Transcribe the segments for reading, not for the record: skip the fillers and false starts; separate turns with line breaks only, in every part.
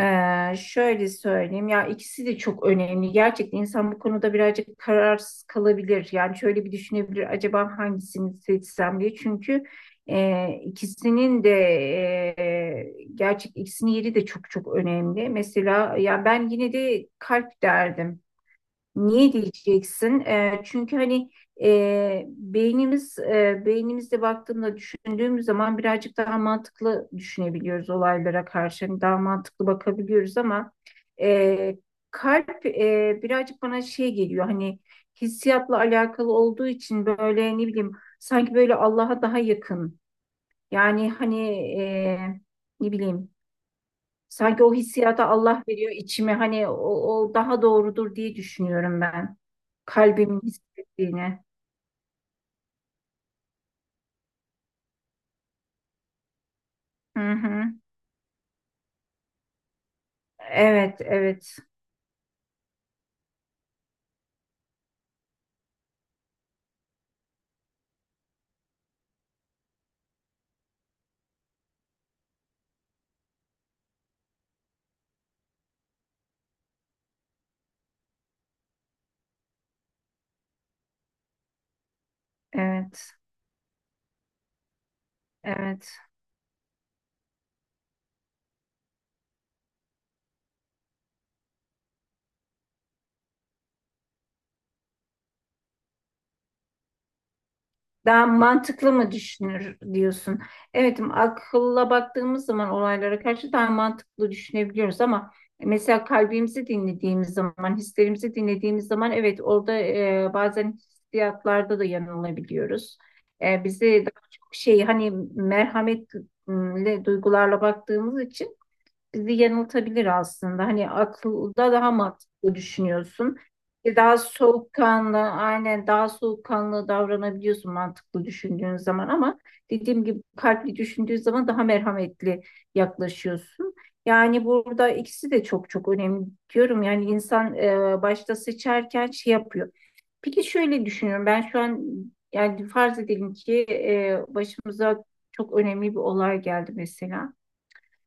Şöyle söyleyeyim ya, ikisi de çok önemli. Gerçekten insan bu konuda birazcık kararsız kalabilir. Yani şöyle bir düşünebilir, acaba hangisini seçsem diye. Çünkü ikisinin de e, gerçek ikisinin yeri de çok çok önemli. Mesela ya ben yine de kalp derdim. Niye diyeceksin? Çünkü hani beynimizde baktığında düşündüğümüz zaman birazcık daha mantıklı düşünebiliyoruz olaylara karşı. Hani daha mantıklı bakabiliyoruz ama eee, kalp birazcık bana şey geliyor, hani hissiyatla alakalı olduğu için böyle, ne bileyim, sanki böyle Allah'a daha yakın. Yani hani ne bileyim. Sanki o hissiyatı Allah veriyor içime. Hani o, o daha doğrudur diye düşünüyorum ben. Kalbimin hissettiğini. Hı hı. Evet, evet, evet, evet. Daha mantıklı mı düşünür diyorsun? Evet, akılla baktığımız zaman olaylara karşı daha mantıklı düşünebiliyoruz ama mesela kalbimizi dinlediğimiz zaman, hislerimizi dinlediğimiz zaman, evet, orada bazen hissiyatlarda da yanılabiliyoruz. Bizi daha çok şey, hani merhametle duygularla baktığımız için bizi yanıltabilir aslında. Hani akılda daha mantıklı düşünüyorsun. Daha soğukkanlı, aynen, daha soğukkanlı davranabiliyorsun mantıklı düşündüğün zaman ama dediğim gibi kalpli düşündüğün zaman daha merhametli yaklaşıyorsun. Yani burada ikisi de çok çok önemli diyorum. Yani insan başta seçerken şey yapıyor. Peki şöyle düşünüyorum. Ben şu an, yani farz edelim ki başımıza çok önemli bir olay geldi mesela.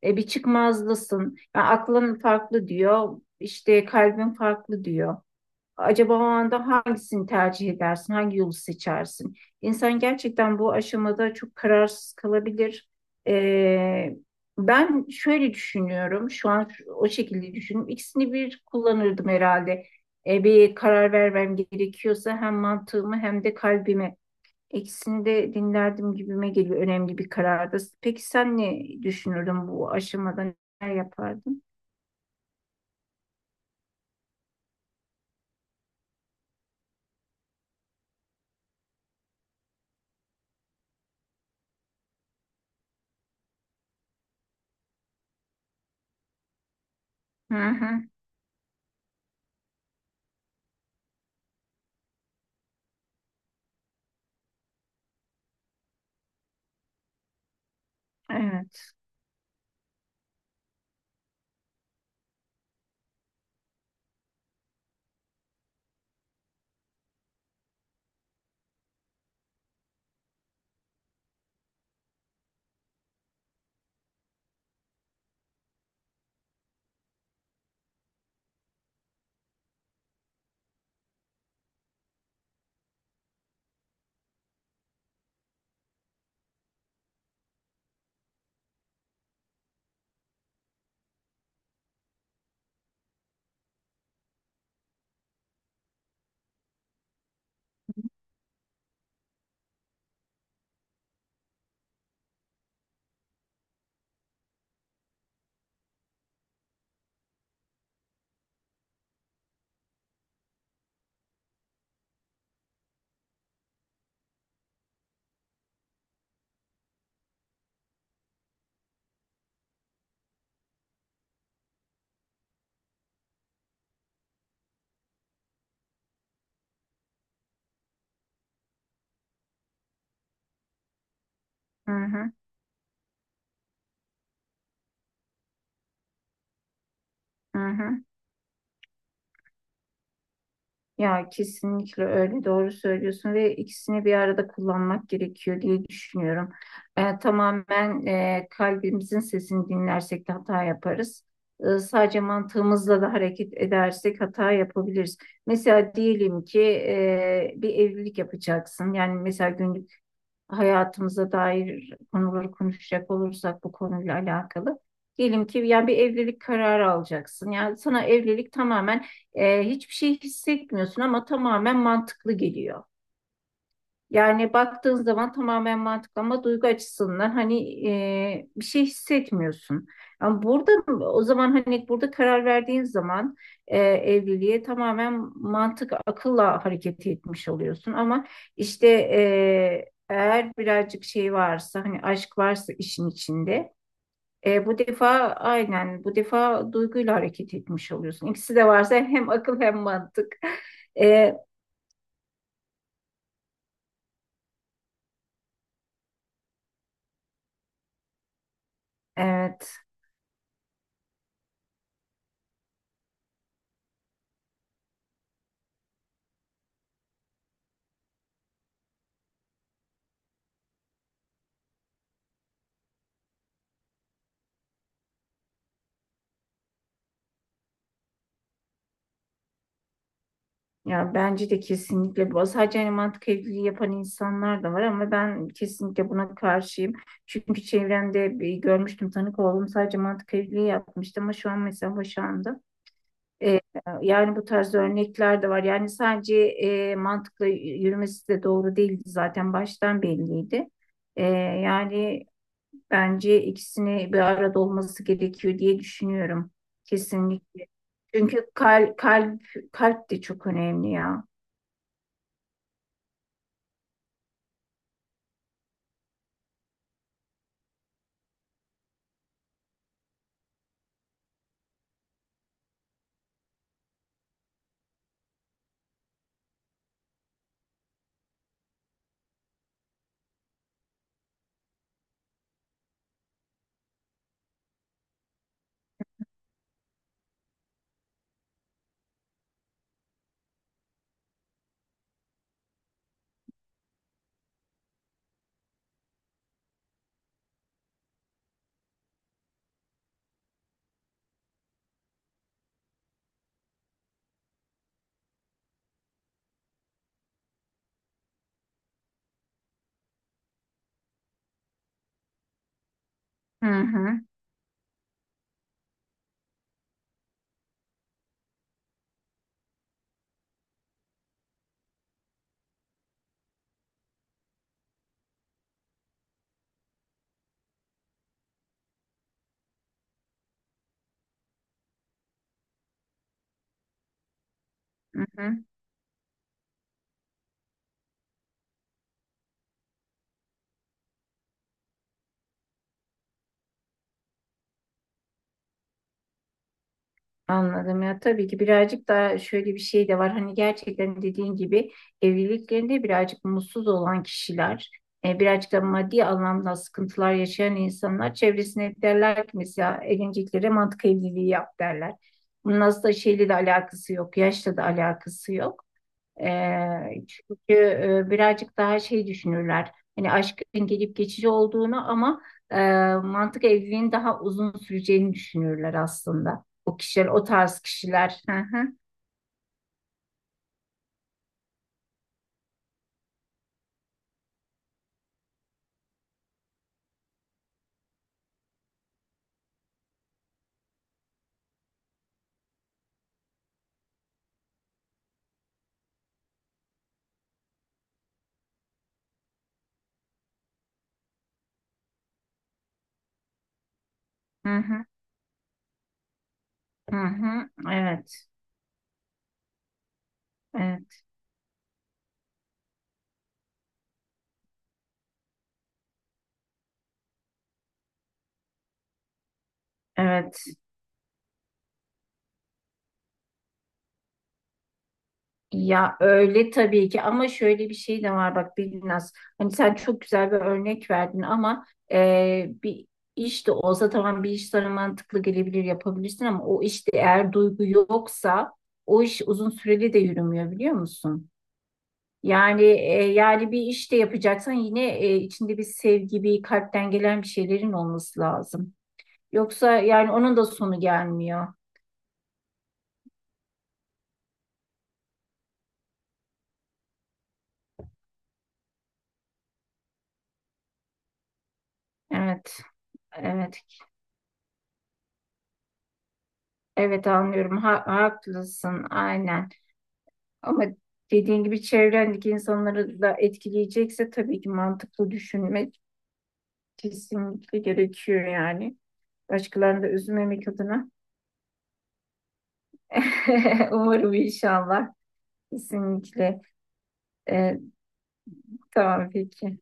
Bir çıkmazlısın. Yani aklın farklı diyor, işte kalbin farklı diyor. Acaba o anda hangisini tercih edersin, hangi yolu seçersin? İnsan gerçekten bu aşamada çok kararsız kalabilir. E, Ben şöyle düşünüyorum, şu an o şekilde düşünüyorum. İkisini bir kullanırdım herhalde. Bir karar vermem gerekiyorsa hem mantığımı hem de kalbimi. Ekisini de dinlerdim gibime geliyor, önemli bir karardı. Peki sen ne düşünürdün bu aşamada, ne yapardın? Hı hı, evet. Hı hı, hı hı. Ya kesinlikle öyle, doğru söylüyorsun ve ikisini bir arada kullanmak gerekiyor diye düşünüyorum. Tamamen kalbimizin sesini dinlersek de hata yaparız. Sadece mantığımızla da hareket edersek hata yapabiliriz. Mesela diyelim ki bir evlilik yapacaksın. Yani mesela günlük hayatımıza dair konuları konuşacak olursak bu konuyla alakalı. Diyelim ki yani bir evlilik kararı alacaksın. Yani sana evlilik tamamen hiçbir şey hissetmiyorsun ama tamamen mantıklı geliyor. Yani baktığın zaman tamamen mantıklı ama duygu açısından hani bir şey hissetmiyorsun. Ama burada, o zaman hani burada karar verdiğin zaman evliliğe tamamen mantık akılla hareket etmiş oluyorsun. Ama işte eğer birazcık şey varsa, hani aşk varsa işin içinde bu defa, aynen, bu defa duyguyla hareket etmiş oluyorsun. İkisi de varsa hem akıl hem mantık. E, evet. Ya bence de kesinlikle bu. Sadece hani mantık evliliği yapan insanlar da var ama ben kesinlikle buna karşıyım. Çünkü çevremde bir görmüştüm, tanık oldum. Sadece mantık evliliği yapmıştı ama şu an mesela boşandı. Ee, Yani bu tarz örnekler de var. Yani sadece mantıkla yürümesi de doğru değildi, zaten baştan belliydi. Ee, Yani bence ikisini bir arada olması gerekiyor diye düşünüyorum. Kesinlikle. Çünkü kalp de çok önemli ya. Hı hı, hı hı. Anladım ya, tabii ki birazcık daha şöyle bir şey de var, hani gerçekten dediğin gibi evliliklerinde birazcık mutsuz olan kişiler, birazcık da maddi anlamda sıkıntılar yaşayan insanlar çevresine hep derler ki mesela evleneceklere mantık evliliği yap derler. Bunun aslında şeyle de alakası yok, yaşla da alakası yok. Çünkü birazcık daha şey düşünürler. Hani aşkın gelip geçici olduğunu ama e, mantık evliliğin daha uzun süreceğini düşünürler aslında. O kişiler, o tarz kişiler. Hı hı, hı hı, hı hı. Evet, evet, evet. Ya öyle, tabii ki, ama şöyle bir şey de var bak Binnaz. Hani sen çok güzel bir örnek verdin ama bir iş de olsa, tamam, bir iş sana mantıklı gelebilir, yapabilirsin ama o işte eğer duygu yoksa o iş uzun süreli de yürümüyor, biliyor musun? Yani yani bir iş de yapacaksan yine içinde bir sevgi, bir kalpten gelen bir şeylerin olması lazım. Yoksa yani onun da sonu gelmiyor. Evet, evet, evet, anlıyorum. Haklısın, aynen. Ama dediğin gibi çevrendeki insanları da etkileyecekse tabii ki mantıklı düşünmek kesinlikle gerekiyor yani. Başkalarını da üzmemek adına. Umarım inşallah. Kesinlikle. Ee, tamam, peki.